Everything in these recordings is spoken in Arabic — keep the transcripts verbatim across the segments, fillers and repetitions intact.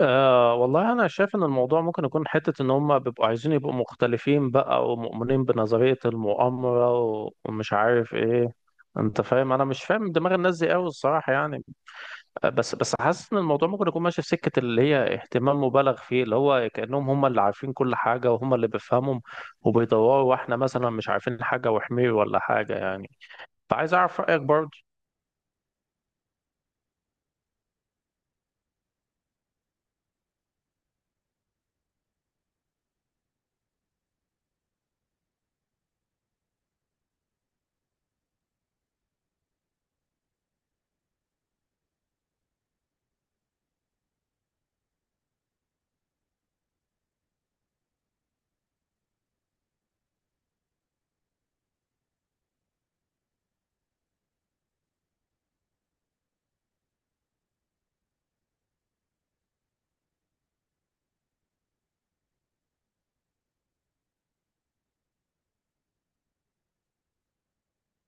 أه والله أنا شايف إن الموضوع ممكن يكون حتة إن هم بيبقوا عايزين يبقوا مختلفين بقى، ومؤمنين بنظرية المؤامرة و- ومش عارف إيه. أنت فاهم، أنا مش فاهم دماغ الناس دي أوي الصراحة يعني. بس بس حاسس إن الموضوع ممكن يكون ماشي في سكة اللي هي اهتمام مبالغ فيه، اللي هو كأنهم هم اللي عارفين كل حاجة وهم اللي بيفهمهم وبيدوروا، وإحنا مثلا مش عارفين حاجة وحمير ولا حاجة يعني. فعايز أعرف رأيك برضه.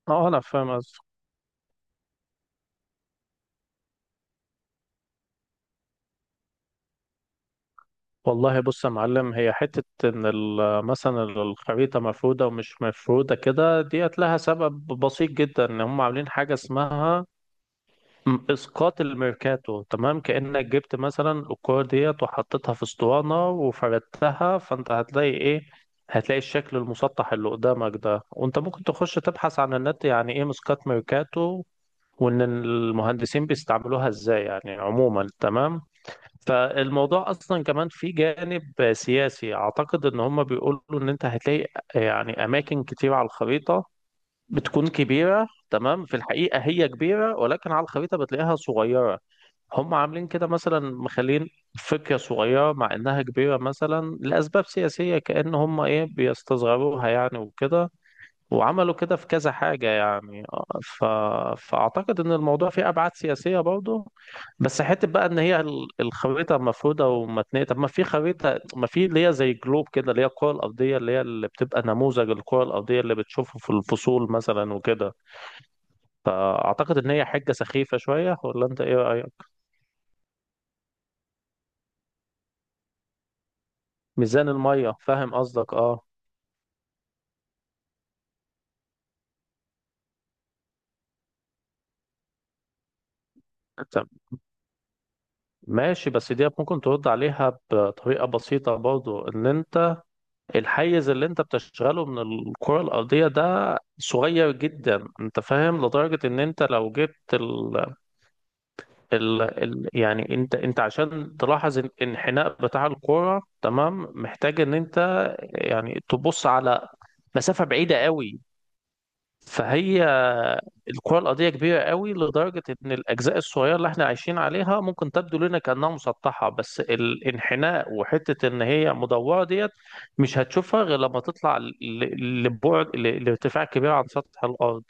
أه أنا فاهم. والله بص يا معلم، هي حتة إن ال- مثلا الخريطة مفرودة ومش مفرودة كده ديت لها سبب بسيط جدا. إن هم عاملين حاجة اسمها م- إسقاط الميركاتو، تمام؟ كأنك جبت مثلا الكورة ديت وحطيتها في اسطوانة وفردتها، فأنت هتلاقي إيه؟ هتلاقي الشكل المسطح اللي قدامك ده. وأنت ممكن تخش تبحث عن النت يعني إيه إسقاط ميركاتو، وإن المهندسين بيستعملوها إزاي يعني، عموما تمام. فالموضوع اصلا كمان في جانب سياسي، اعتقد ان هم بيقولوا ان انت هتلاقي آه، يعني اماكن كتير على الخريطه بتكون كبيره، تمام؟ في الحقيقه هي كبيره، ولكن على الخريطه بتلاقيها صغيره. هم عاملين كده مثلا، مخلين فكره صغيره مع انها كبيره، مثلا لاسباب سياسيه، كأن هم ايه بيستصغروها يعني وكده. وعملوا كده في كذا حاجه يعني. آه، ف... فاعتقد ان الموضوع فيه ابعاد سياسيه برضه. بس حته بقى ان هي ال- الخريطه مفروده ومتنيه، طب ما في خريطه، ما في اللي هي زي جلوب كده اللي هي الكره الارضيه، اللي هي اللي بتبقى نموذج الكره الارضيه اللي بتشوفه في الفصول مثلا وكده. فاعتقد ان هي حاجه سخيفه شويه، ولا انت ايه رايك؟ ميزان الميه فاهم قصدك اه. طب ماشي، بس دي ممكن ترد عليها بطريقه بسيطه برضو، ان انت الحيز اللي انت بتشغله من الكره الارضيه ده صغير جدا. انت فاهم، لدرجه ان انت لو جبت ال ال... ال... يعني انت انت عشان تلاحظ الانحناء بتاع الكرة، تمام، محتاج ان انت يعني تبص على مسافة بعيدة قوي. فهي الكرة الأرضية كبيرة قوي لدرجة إن الأجزاء الصغيرة اللي إحنا عايشين عليها ممكن تبدو لنا كأنها مسطحة، بس الانحناء وحتة إن هي مدورة ديت مش هتشوفها غير لما تطلع ل- لبعد ل- لارتفاع كبير عن سطح الأرض.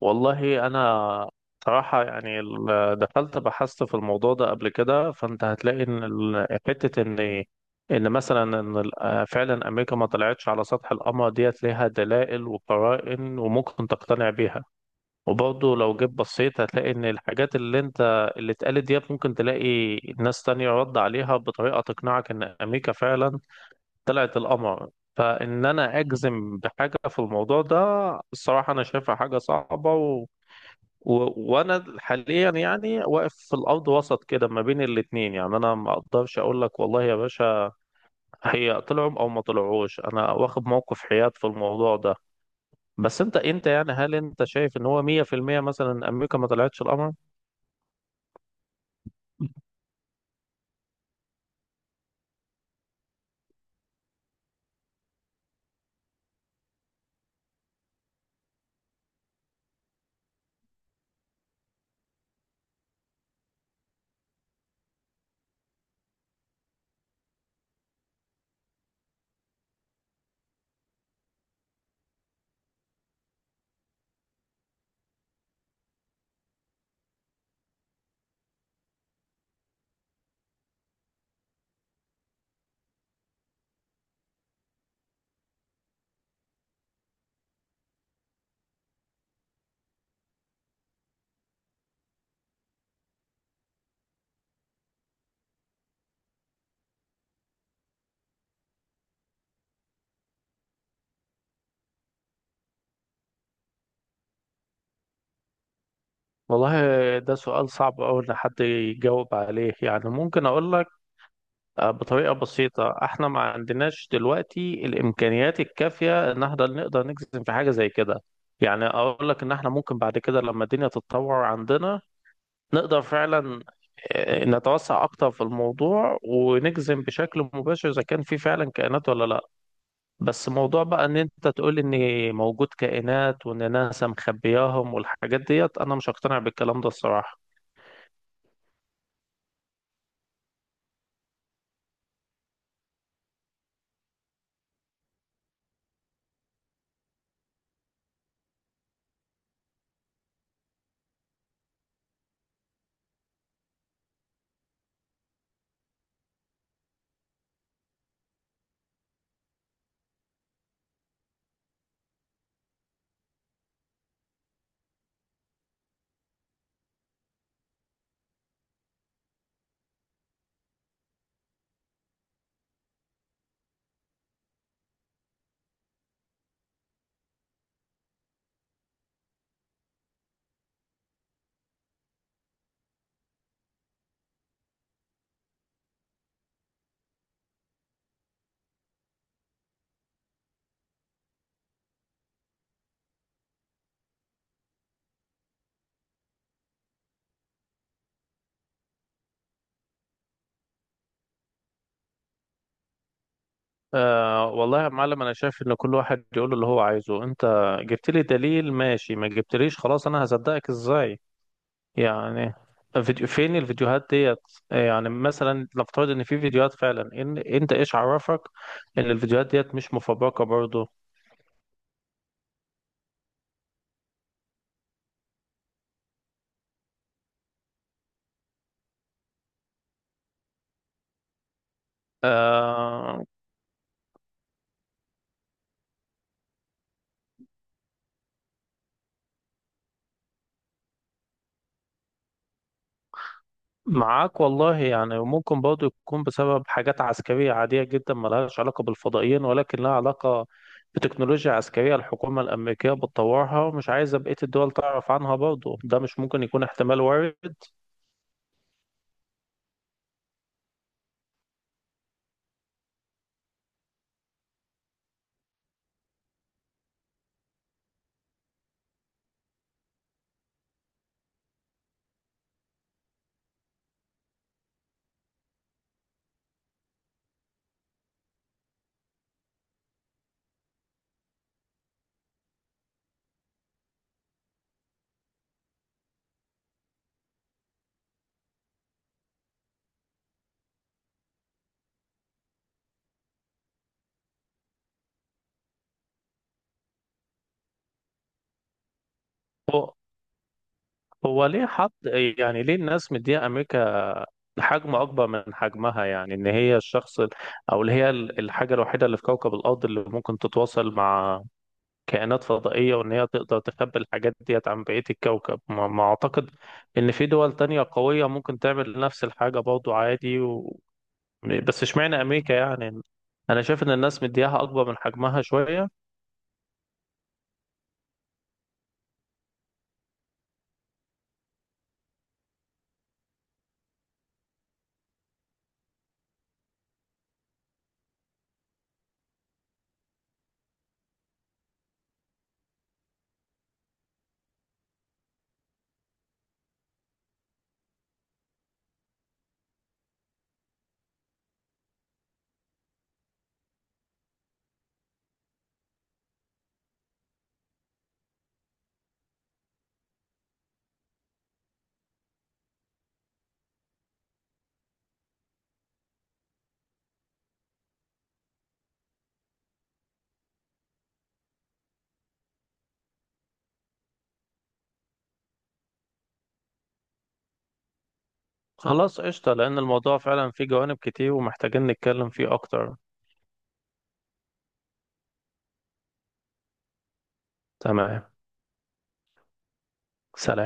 والله انا صراحة يعني ال- دخلت بحثت في الموضوع ده قبل كده، فانت هتلاقي ان ال- حتة ان ان مثلا ان ال- آه، فعلا امريكا ما طلعتش على سطح القمر ديت، ليها دلائل وقرائن وممكن تقتنع بيها. وبرضه لو جيت بصيت هتلاقي ان الحاجات اللي انت اللي اتقالت ديت ممكن تلاقي ناس تانية رد عليها بطريقة تقنعك ان امريكا فعلا طلعت القمر. فان انا اجزم بحاجة في الموضوع ده، الصراحة انا شايفها حاجة صعبة. و... وانا حاليا يعني واقف في الارض وسط كده ما بين الاتنين، يعني انا ما اقدرش اقول لك والله يا باشا هي طلعوا او ما طلعوش. انا واخد موقف حياد في الموضوع ده. بس انت انت يعني هل انت شايف ان هو مية في المية مثلا امريكا ما طلعتش القمر؟ والله ده سؤال صعب أوي إن حد يجاوب عليه، يعني ممكن أقول آه، بطريقة بسيطة احنا ما عندناش دلوقتي الإمكانيات الكافية إن احنا نقدر نجزم في حاجة زي كده. يعني أقول لك إن احنا ممكن بعد كده لما الدنيا تتطور عندنا نقدر فعلا آه، نتوسع أكتر في الموضوع ونجزم بشكل مباشر إذا كان في فعلا كائنات ولا لأ. بس موضوع بقى إن أنت تقول إن موجود كائنات وإن ناسا مخبياهم والحاجات ديت، أنا مش هقتنع بالكلام ده الصراحة. آه والله يا معلم، انا شايف ان كل واحد يقول اللي هو عايزه. انت جبت لي دليل ماشي، ما جبتليش خلاص انا هصدقك ازاي يعني؟ فيديو، فين الفيديوهات ديت؟ يعني مثلا نفترض ان في فيديوهات فعلا، ان انت ايش عرفك ان الفيديوهات ديت مش مفبركة برضو؟ آه، معاك والله يعني. وممكن برضه يكون بسبب حاجات عسكرية عادية جدا ملهاش علاقة بالفضائيين، ولكن لها علاقة بتكنولوجيا عسكرية الحكومة الأمريكية بتطورها ومش عايزة بقية الدول تعرف عنها برضه. ده مش ممكن يكون احتمال وارد؟ هو هو ليه حط يعني ليه الناس مدية أمريكا حجم أكبر من حجمها، يعني إن هي الشخص أو اللي هي الحاجة الوحيدة اللي في كوكب الأرض اللي ممكن تتواصل مع كائنات فضائية، وإن هي تقدر تخبي الحاجات ديت عن بقية الكوكب؟ ما ما أعتقد إن في دول تانية قوية ممكن تعمل نفس الحاجة برضو عادي. و... بس اشمعنى أمريكا يعني؟ أنا شايف إن الناس مدياها أكبر من حجمها شوية. خلاص قشطة، لأن الموضوع فعلا فيه جوانب كتير ومحتاجين نتكلم فيه أكتر. تمام. سلام.